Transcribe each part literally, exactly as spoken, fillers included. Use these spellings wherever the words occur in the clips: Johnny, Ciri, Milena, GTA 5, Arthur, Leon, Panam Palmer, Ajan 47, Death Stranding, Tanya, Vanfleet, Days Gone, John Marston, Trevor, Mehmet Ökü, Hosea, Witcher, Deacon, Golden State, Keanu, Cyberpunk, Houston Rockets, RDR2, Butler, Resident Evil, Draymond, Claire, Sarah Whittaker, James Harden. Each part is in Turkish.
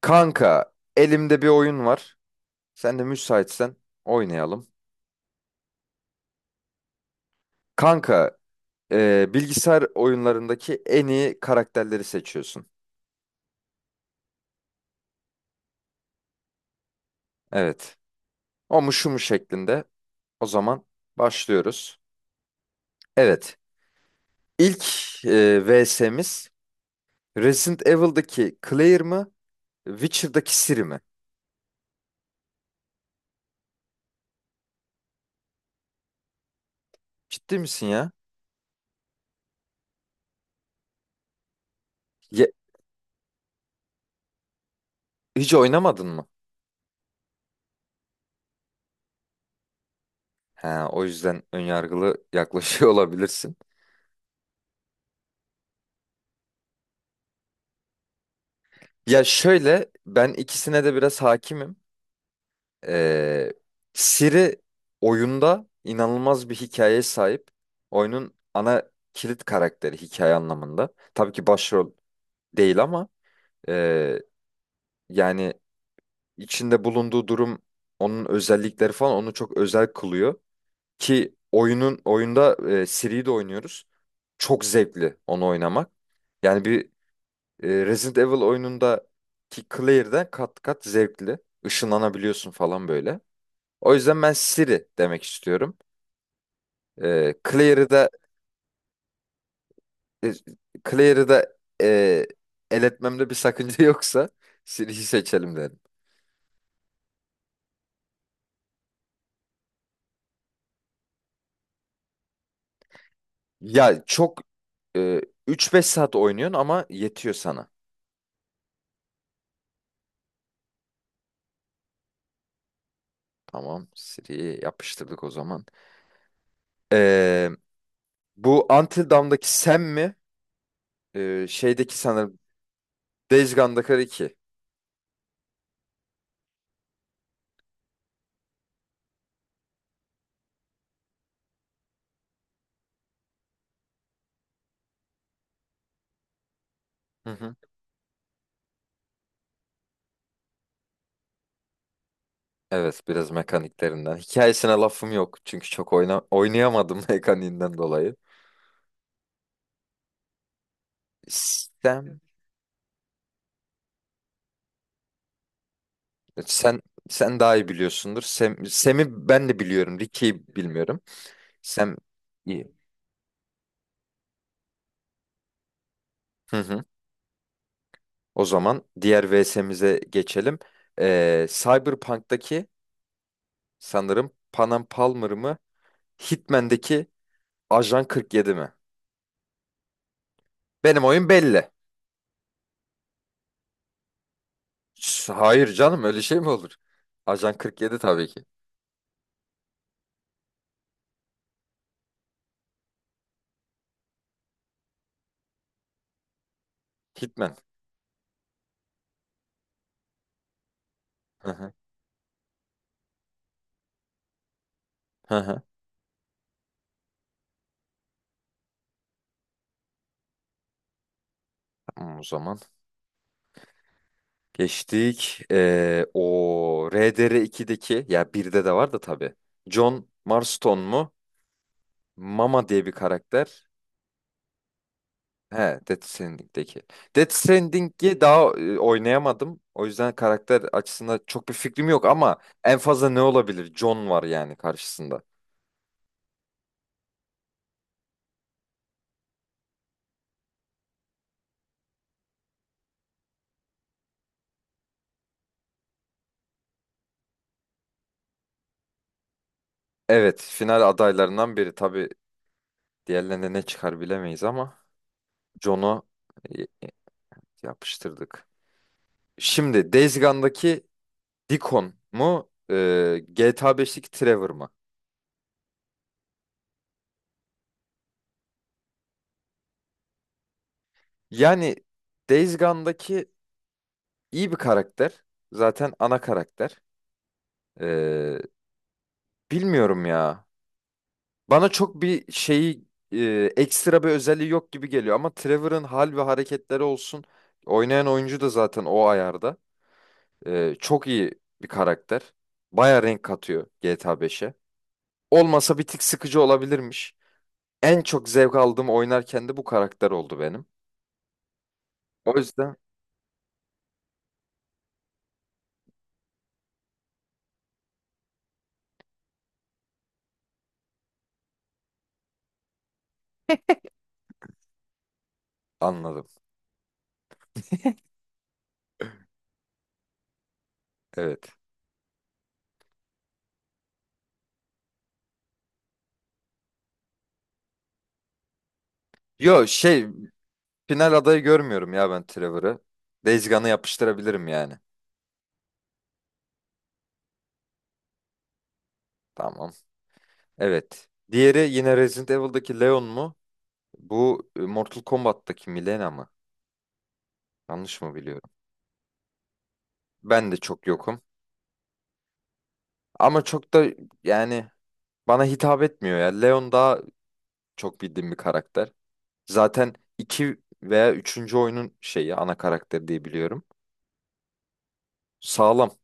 Kanka, elimde bir oyun var. Sen de müsaitsen oynayalım. Kanka, e, bilgisayar oyunlarındaki en iyi karakterleri seçiyorsun. Evet. O mu şu mu şeklinde. O zaman başlıyoruz. Evet. İlk e, V S'miz Resident Evil'daki Claire mı? Witcher'daki Ciri mi? Ciddi misin ya? Ya- Hiç oynamadın mı? Ha, o yüzden önyargılı yaklaşıyor olabilirsin. Ya şöyle ben ikisine de biraz hakimim. Ee, Siri oyunda inanılmaz bir hikayeye sahip. Oyunun ana kilit karakteri hikaye anlamında. Tabii ki başrol değil, ama e, yani içinde bulunduğu durum, onun özellikleri falan onu çok özel kılıyor. Ki oyunun oyunda e, Siri'yi de oynuyoruz. Çok zevkli onu oynamak. Yani bir e, Resident Evil oyunundaki Claire'den kat kat zevkli. Işınlanabiliyorsun falan böyle. O yüzden ben Siri demek istiyorum. Ee, Claire'ı da e, Claire'ı da e, el etmemde bir sakınca yoksa Siri'yi seçelim derim. Ya çok e, üç beş saat oynuyorsun ama yetiyor sana. Tamam, Siri'yi yapıştırdık o zaman. Ee, bu Until Dawn'daki Sam mi? Ee, şeydeki sanırım Days Gone'daki Ricky. Hı hı. Evet, biraz mekaniklerinden. Hikayesine lafım yok çünkü çok oyna oynayamadım mekaniğinden dolayı. Sam Sen sen daha iyi biliyorsundur. Sem, Sem'i ben de biliyorum. Ricky'yi bilmiyorum. Sem iyi. Hı hı. O zaman diğer V S'mize geçelim. Ee, Cyberpunk'taki sanırım Panam Palmer mı? Hitman'daki Ajan kırk yedi mi? Benim oyun belli. Ş- Hayır canım, öyle şey mi olur? Ajan kırk yedi tabii ki. Hitman. Hı hı. Hı hı. Tamam o zaman. Geçtik. Ee, o R D R iki'deki, ya birde de var da tabii. John Marston mu? Mama diye bir karakter. He, Death Stranding'deki. Death Stranding'i daha e, oynayamadım. O yüzden karakter açısında çok bir fikrim yok, ama en fazla ne olabilir? John var yani karşısında. Evet, final adaylarından biri. Tabii, diğerlerine ne çıkar bilemeyiz, ama John'u e, yapıştırdık. Şimdi Days Gone'daki Deacon mu? Ee, G T A beşteki Trevor mı? Yani Days Gone'daki iyi bir karakter. Zaten ana karakter. Ee, bilmiyorum ya. Bana çok bir şeyi, e, ekstra bir özelliği yok gibi geliyor. Ama Trevor'ın hal ve hareketleri olsun. Oynayan oyuncu da zaten o ayarda. Ee, çok iyi bir karakter. Baya renk katıyor G T A beşe. Olmasa bir tık sıkıcı olabilirmiş. En çok zevk aldığım, oynarken de bu karakter oldu benim. O yüzden anladım. Evet. Yo, şey, final adayı görmüyorum ya ben Trevor'ı. Days Gone'ı yapıştırabilirim yani. Tamam. Evet. Diğeri yine Resident Evil'daki Leon mu? Bu e, Mortal Kombat'taki Milena mı? Yanlış mı biliyorum? Ben de çok yokum. Ama çok da yani bana hitap etmiyor ya. Leon daha çok bildiğim bir karakter. Zaten iki veya üçüncü oyunun şeyi, ana karakter diye biliyorum. Sağlam.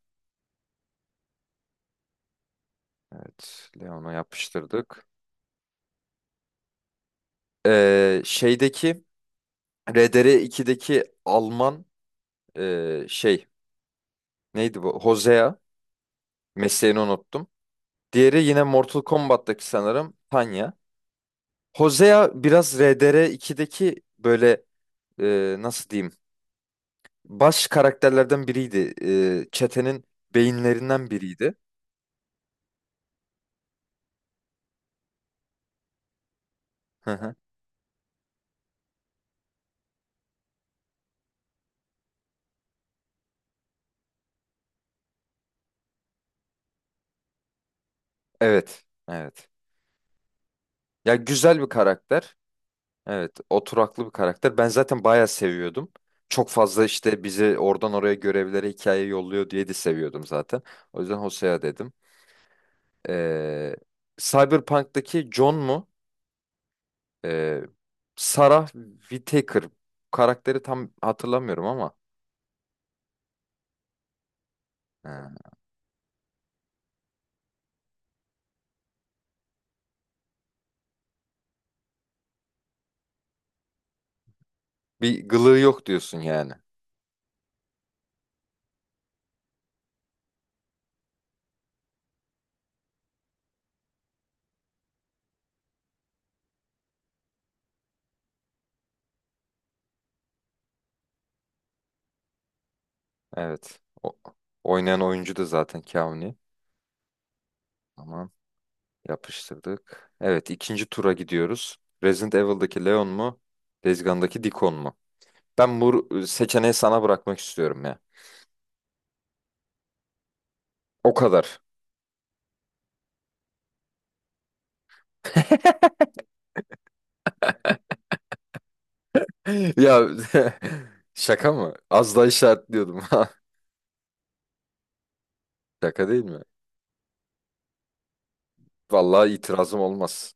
Evet. Leon'u yapıştırdık. Ee, şeydeki R D R iki'deki Alman, e, şey, neydi bu? Hosea, mesleğini unuttum. Diğeri yine Mortal Kombat'taki sanırım Tanya. Hosea biraz R D R iki'deki böyle, e, nasıl diyeyim, baş karakterlerden biriydi. E, çetenin beyinlerinden biriydi. Hı hı. Evet. Evet. Ya güzel bir karakter. Evet, oturaklı bir karakter. Ben zaten bayağı seviyordum. Çok fazla işte bizi oradan oraya görevlere, hikaye yolluyor diye de seviyordum zaten. O yüzden Hosea dedim. Ee, Cyberpunk'taki John mu? Ee, Sarah Whittaker. Karakteri tam hatırlamıyorum ama. Ha, bir gılığı yok diyorsun yani. Evet. O, oynayan oyuncu da zaten Keanu. Tamam. Yapıştırdık. Evet, ikinci tura gidiyoruz. Resident Evil'daki Leon mu? Days Gone'daki Deacon mu? Ben bu seçeneği sana bırakmak istiyorum ya. O kadar. Ya, şaka mı? Az daha işaretliyordum. Şaka değil mi? Vallahi itirazım olmaz.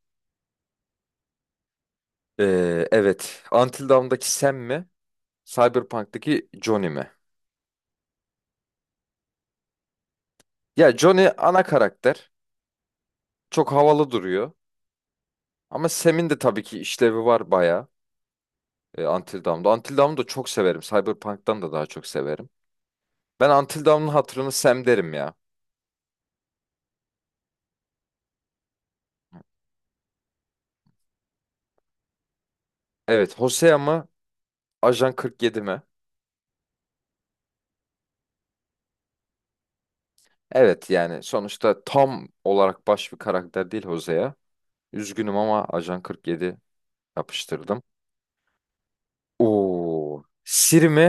Ee, evet. Until Dawn'daki Sam mi? Cyberpunk'taki Johnny mi? Ya Johnny ana karakter. Çok havalı duruyor. Ama Sam'in de tabii ki işlevi var bayağı. E, Until Dawn'da. Until Dawn'u da çok severim. Cyberpunk'tan da daha çok severim. Ben Until Dawn'un hatırını Sam derim ya. Evet, Hosea mı? Ajan kırk yedi mi? Evet yani sonuçta tam olarak baş bir karakter değil Hosea. Üzgünüm ama Ajan kırk yedi yapıştırdım. Oo, Siri mi?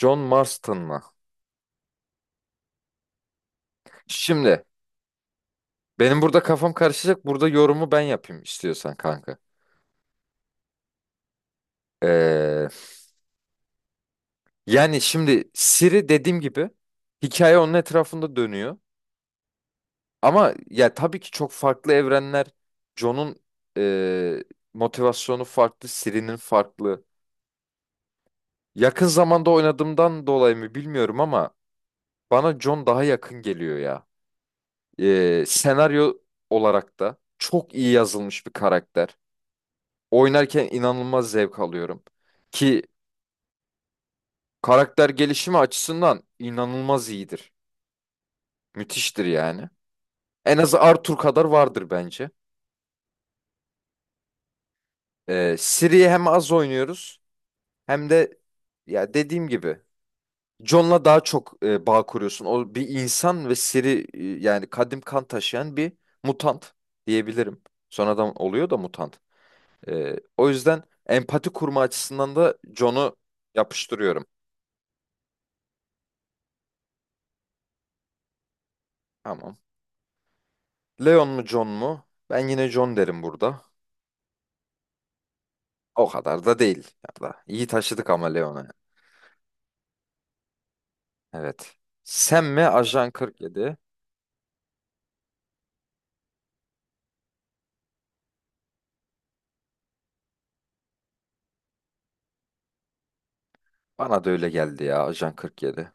John Marston mı? Şimdi benim burada kafam karışacak. Burada yorumu ben yapayım istiyorsan kanka. Ee, yani şimdi Siri, dediğim gibi, hikaye onun etrafında dönüyor. Ama ya tabii ki çok farklı evrenler. John'un e, motivasyonu farklı, Ciri'nin farklı. Yakın zamanda oynadığımdan dolayı mı bilmiyorum ama bana John daha yakın geliyor ya. E, senaryo olarak da çok iyi yazılmış bir karakter. Oynarken inanılmaz zevk alıyorum. Ki karakter gelişimi açısından inanılmaz iyidir. Müthiştir yani. En az Arthur kadar vardır bence. E, Ciri'yi hem az oynuyoruz. Hem de ya dediğim gibi John'la daha çok e, bağ kuruyorsun. O bir insan ve seri, e, yani kadim kan taşıyan bir mutant diyebilirim. Sonradan oluyor da mutant. E, o yüzden empati kurma açısından da John'u yapıştırıyorum. Tamam. Leon mu John mu? Ben yine John derim burada. O kadar da değil. Ya da iyi taşıdık ama Leon'a. Evet. Sen mi, Ajan kırk yedi? Bana da öyle geldi ya, Ajan kırk yedi.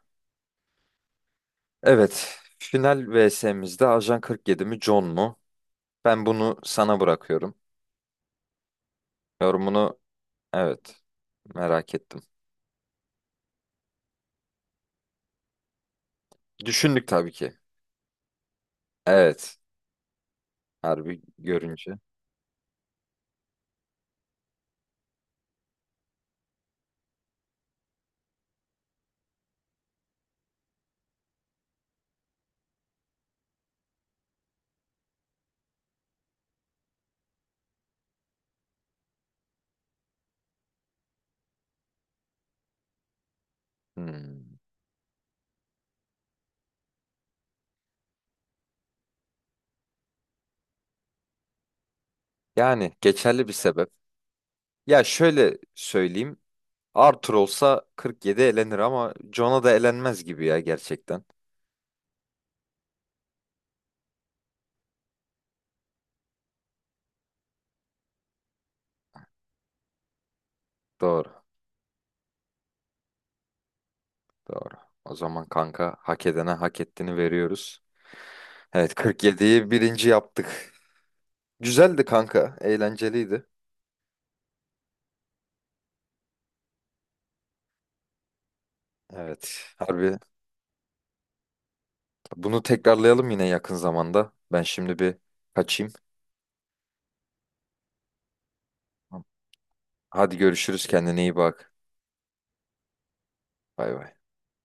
Evet, final V S'mizde Ajan kırk yedi mi John mu? Ben bunu sana bırakıyorum. Yorumunu, evet, merak ettim. Düşündük tabii ki. Evet, harbi görünce. Hmm. Yani geçerli bir sebep. Ya şöyle söyleyeyim. Arthur olsa kırk yedi elenir ama John'a da elenmez gibi ya, gerçekten. Doğru, doğru. O zaman kanka, hak edene hak ettiğini veriyoruz. Evet, kırk yediyi birinci yaptık. Güzeldi kanka, eğlenceliydi. Evet. Harbi. Bunu tekrarlayalım yine yakın zamanda. Ben şimdi bir kaçayım. Tamam. Hadi görüşürüz. Kendine iyi bak. Bay bay.